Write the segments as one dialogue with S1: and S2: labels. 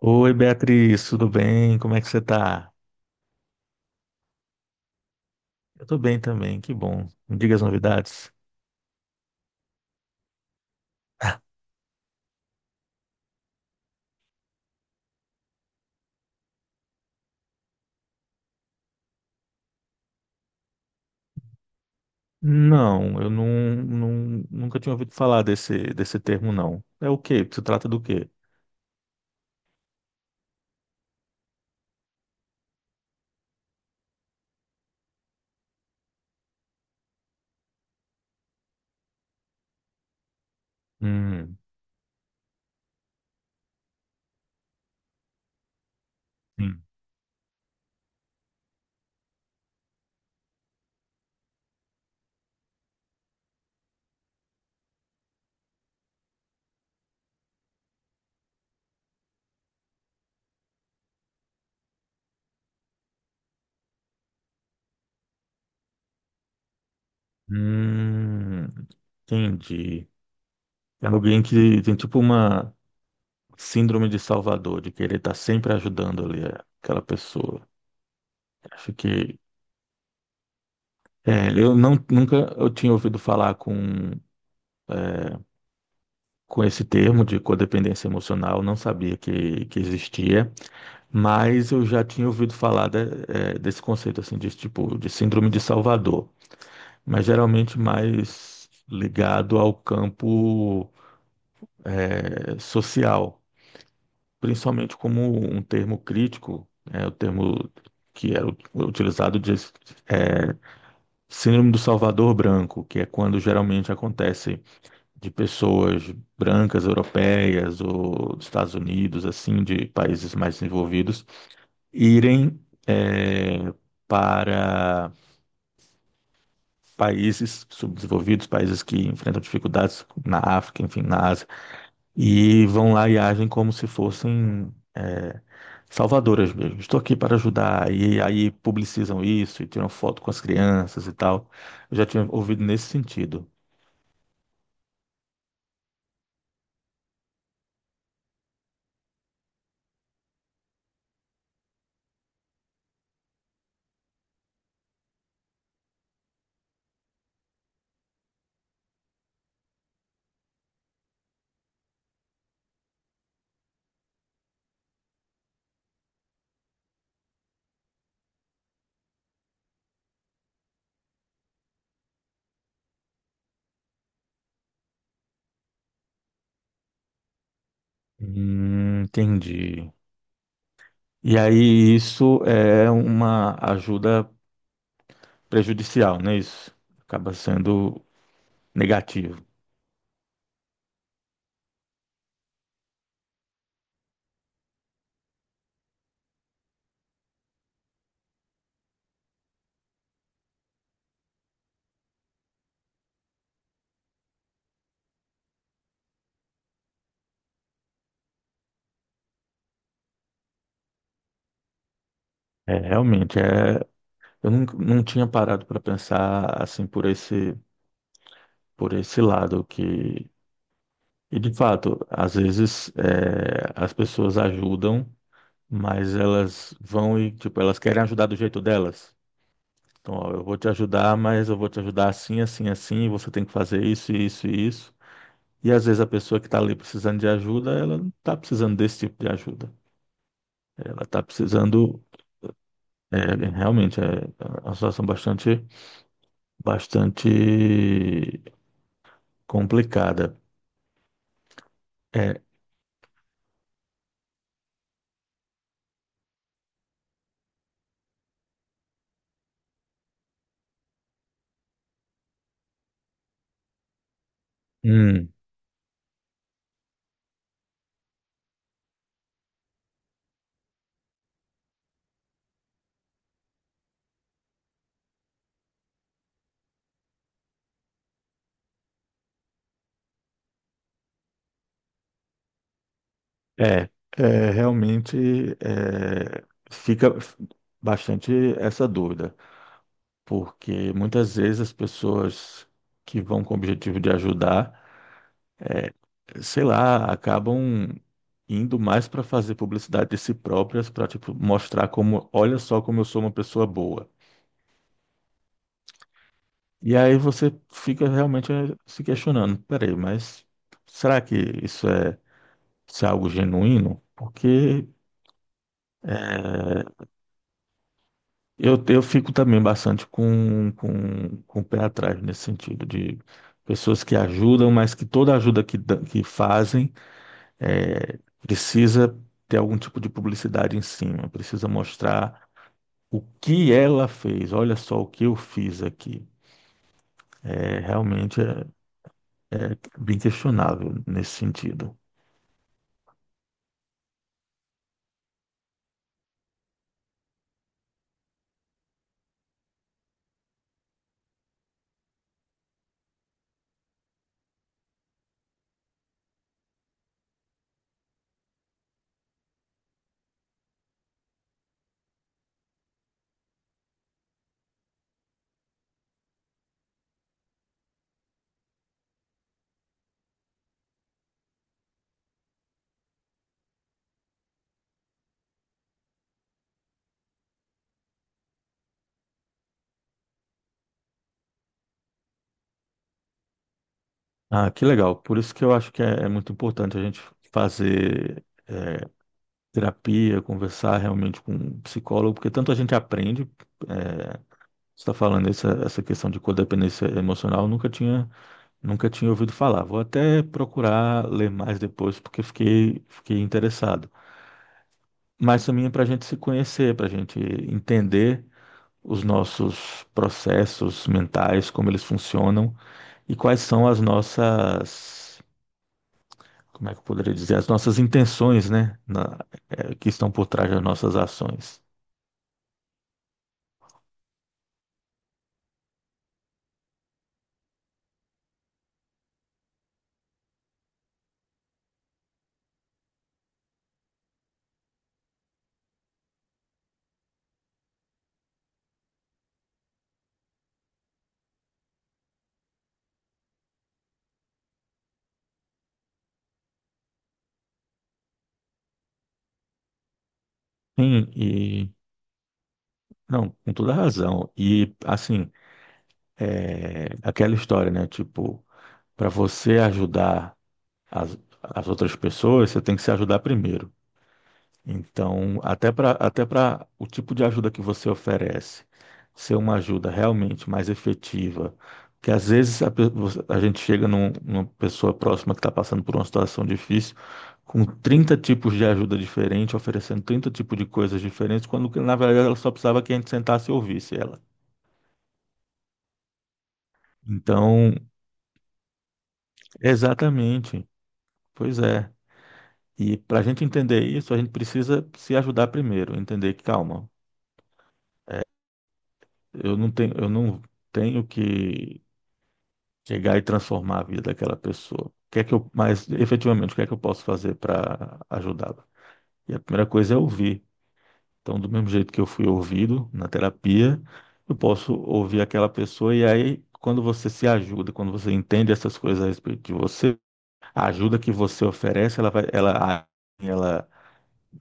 S1: Oi, Beatriz, tudo bem? Como é que você tá? Eu tô bem também, que bom. Me diga as novidades. Não, eu não, não- Nunca tinha ouvido falar desse termo, não. É o quê? Se trata do quê? Hum, sim. Hum, entendi. É alguém que tem tipo uma síndrome de Salvador, de querer estar sempre ajudando ali aquela pessoa. Acho que. É, eu não, Nunca eu tinha ouvido falar com esse termo de codependência emocional, não sabia que existia, mas eu já tinha ouvido falar de- desse conceito assim de tipo de síndrome de Salvador, mas geralmente mais ligado ao campo social, principalmente como um termo crítico, é o termo que era utilizado de síndrome do Salvador branco, que é quando geralmente acontece de pessoas brancas, europeias ou dos Estados Unidos, assim, de países mais desenvolvidos, irem eh, para países subdesenvolvidos, países que enfrentam dificuldades na África, enfim, na Ásia, e vão lá e agem como se fossem salvadoras mesmo. Estou aqui para ajudar. E aí publicizam isso e tiram foto com as crianças e tal. Eu já tinha ouvido nesse sentido. Entendi. E aí isso é uma ajuda prejudicial, né? Isso acaba sendo negativo. É, realmente, é, eu não, Não tinha parado para pensar assim por por esse lado que, e de fato, às vezes é, as pessoas ajudam, mas elas vão e, tipo, elas querem ajudar do jeito delas. Então, ó, eu vou te ajudar, mas eu vou te ajudar assim, assim, assim, e você tem que fazer isso, isso e isso. E às vezes a pessoa que está ali precisando de ajuda, ela não está precisando desse tipo de ajuda. Ela está precisando, é, realmente, é uma situação bastante complicada. É, hum, é, é, realmente é, Fica bastante essa dúvida, porque muitas vezes as pessoas que vão com o objetivo de ajudar, sei lá, acabam indo mais para fazer publicidade de si próprias, para tipo mostrar como, olha só como eu sou uma pessoa boa. E aí você fica realmente se questionando, peraí, mas será que isso é, isso é algo genuíno? Porque eh, eu fico também bastante com o pé atrás nesse sentido de pessoas que ajudam, mas que toda ajuda que fazem precisa ter algum tipo de publicidade em cima, precisa mostrar o que ela fez. Olha só o que eu fiz aqui. É realmente bem questionável nesse sentido. Ah, que legal. Por isso que eu acho é muito importante a gente fazer terapia, conversar realmente com um psicólogo, porque tanto a gente aprende. É, você está falando essa questão de codependência emocional, eu nunca tinha, nunca tinha ouvido falar. Vou até procurar ler mais depois, porque fiquei interessado. Mas também é para a gente se conhecer, para a gente entender os nossos processos mentais, como eles funcionam e quais são as nossas, como é que eu poderia dizer, as nossas intenções, né, que estão por trás das nossas ações. Sim, e não, com toda razão. Aquela história, né, tipo, para você ajudar as outras pessoas, você tem que se ajudar primeiro. Então, até para o tipo de ajuda que você oferece ser uma ajuda realmente mais efetiva, que às vezes a gente chega numa pessoa próxima que está passando por uma situação difícil, com 30 tipos de ajuda diferente, oferecendo 30 tipos de coisas diferentes, quando que, na verdade ela só precisava que a gente sentasse e ouvisse ela. Então, exatamente, pois é. E para a gente entender isso, a gente precisa se ajudar primeiro, entender que calma. Eu não tenho que chegar e transformar a vida daquela pessoa. O que é que eu, Mas efetivamente, o que é que eu posso fazer para ajudá-la? E a primeira coisa é ouvir. Então, do mesmo jeito que eu fui ouvido na terapia, eu posso ouvir aquela pessoa. E aí quando você se ajuda, quando você entende essas coisas a respeito de você, a ajuda que você oferece, ela vai, ela, ela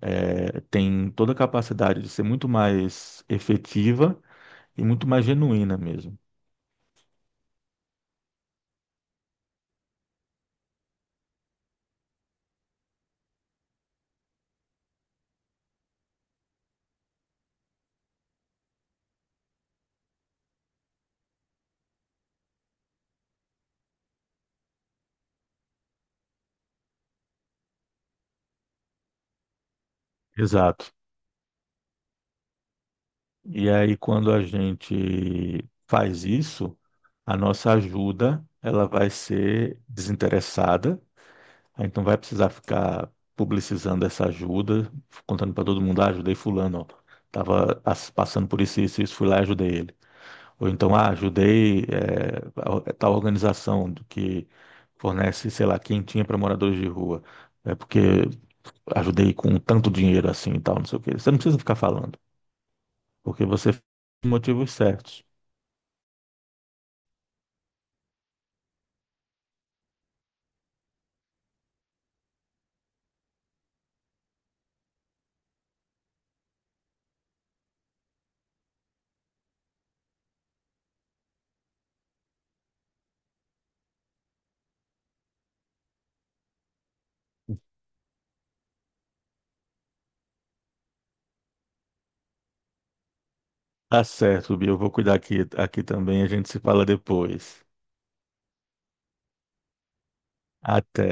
S1: eh, tem toda a capacidade de ser muito mais efetiva e muito mais genuína mesmo. Exato. E aí, quando a gente faz isso, a nossa ajuda ela vai ser desinteressada. A gente não vai precisar ficar publicizando essa ajuda, contando para todo mundo, ah, ajudei fulano, ó, tava passando por isso, isso, isso, fui lá e ajudei ele. Ou então, ah, ajudei tal organização do que fornece, sei lá, quentinha para moradores de rua. É porque ajudei com tanto dinheiro assim e tal, não sei o quê. Você não precisa ficar falando, porque você fez os motivos certos. Tá certo, Bia. Eu vou cuidar aqui também. A gente se fala depois. Até.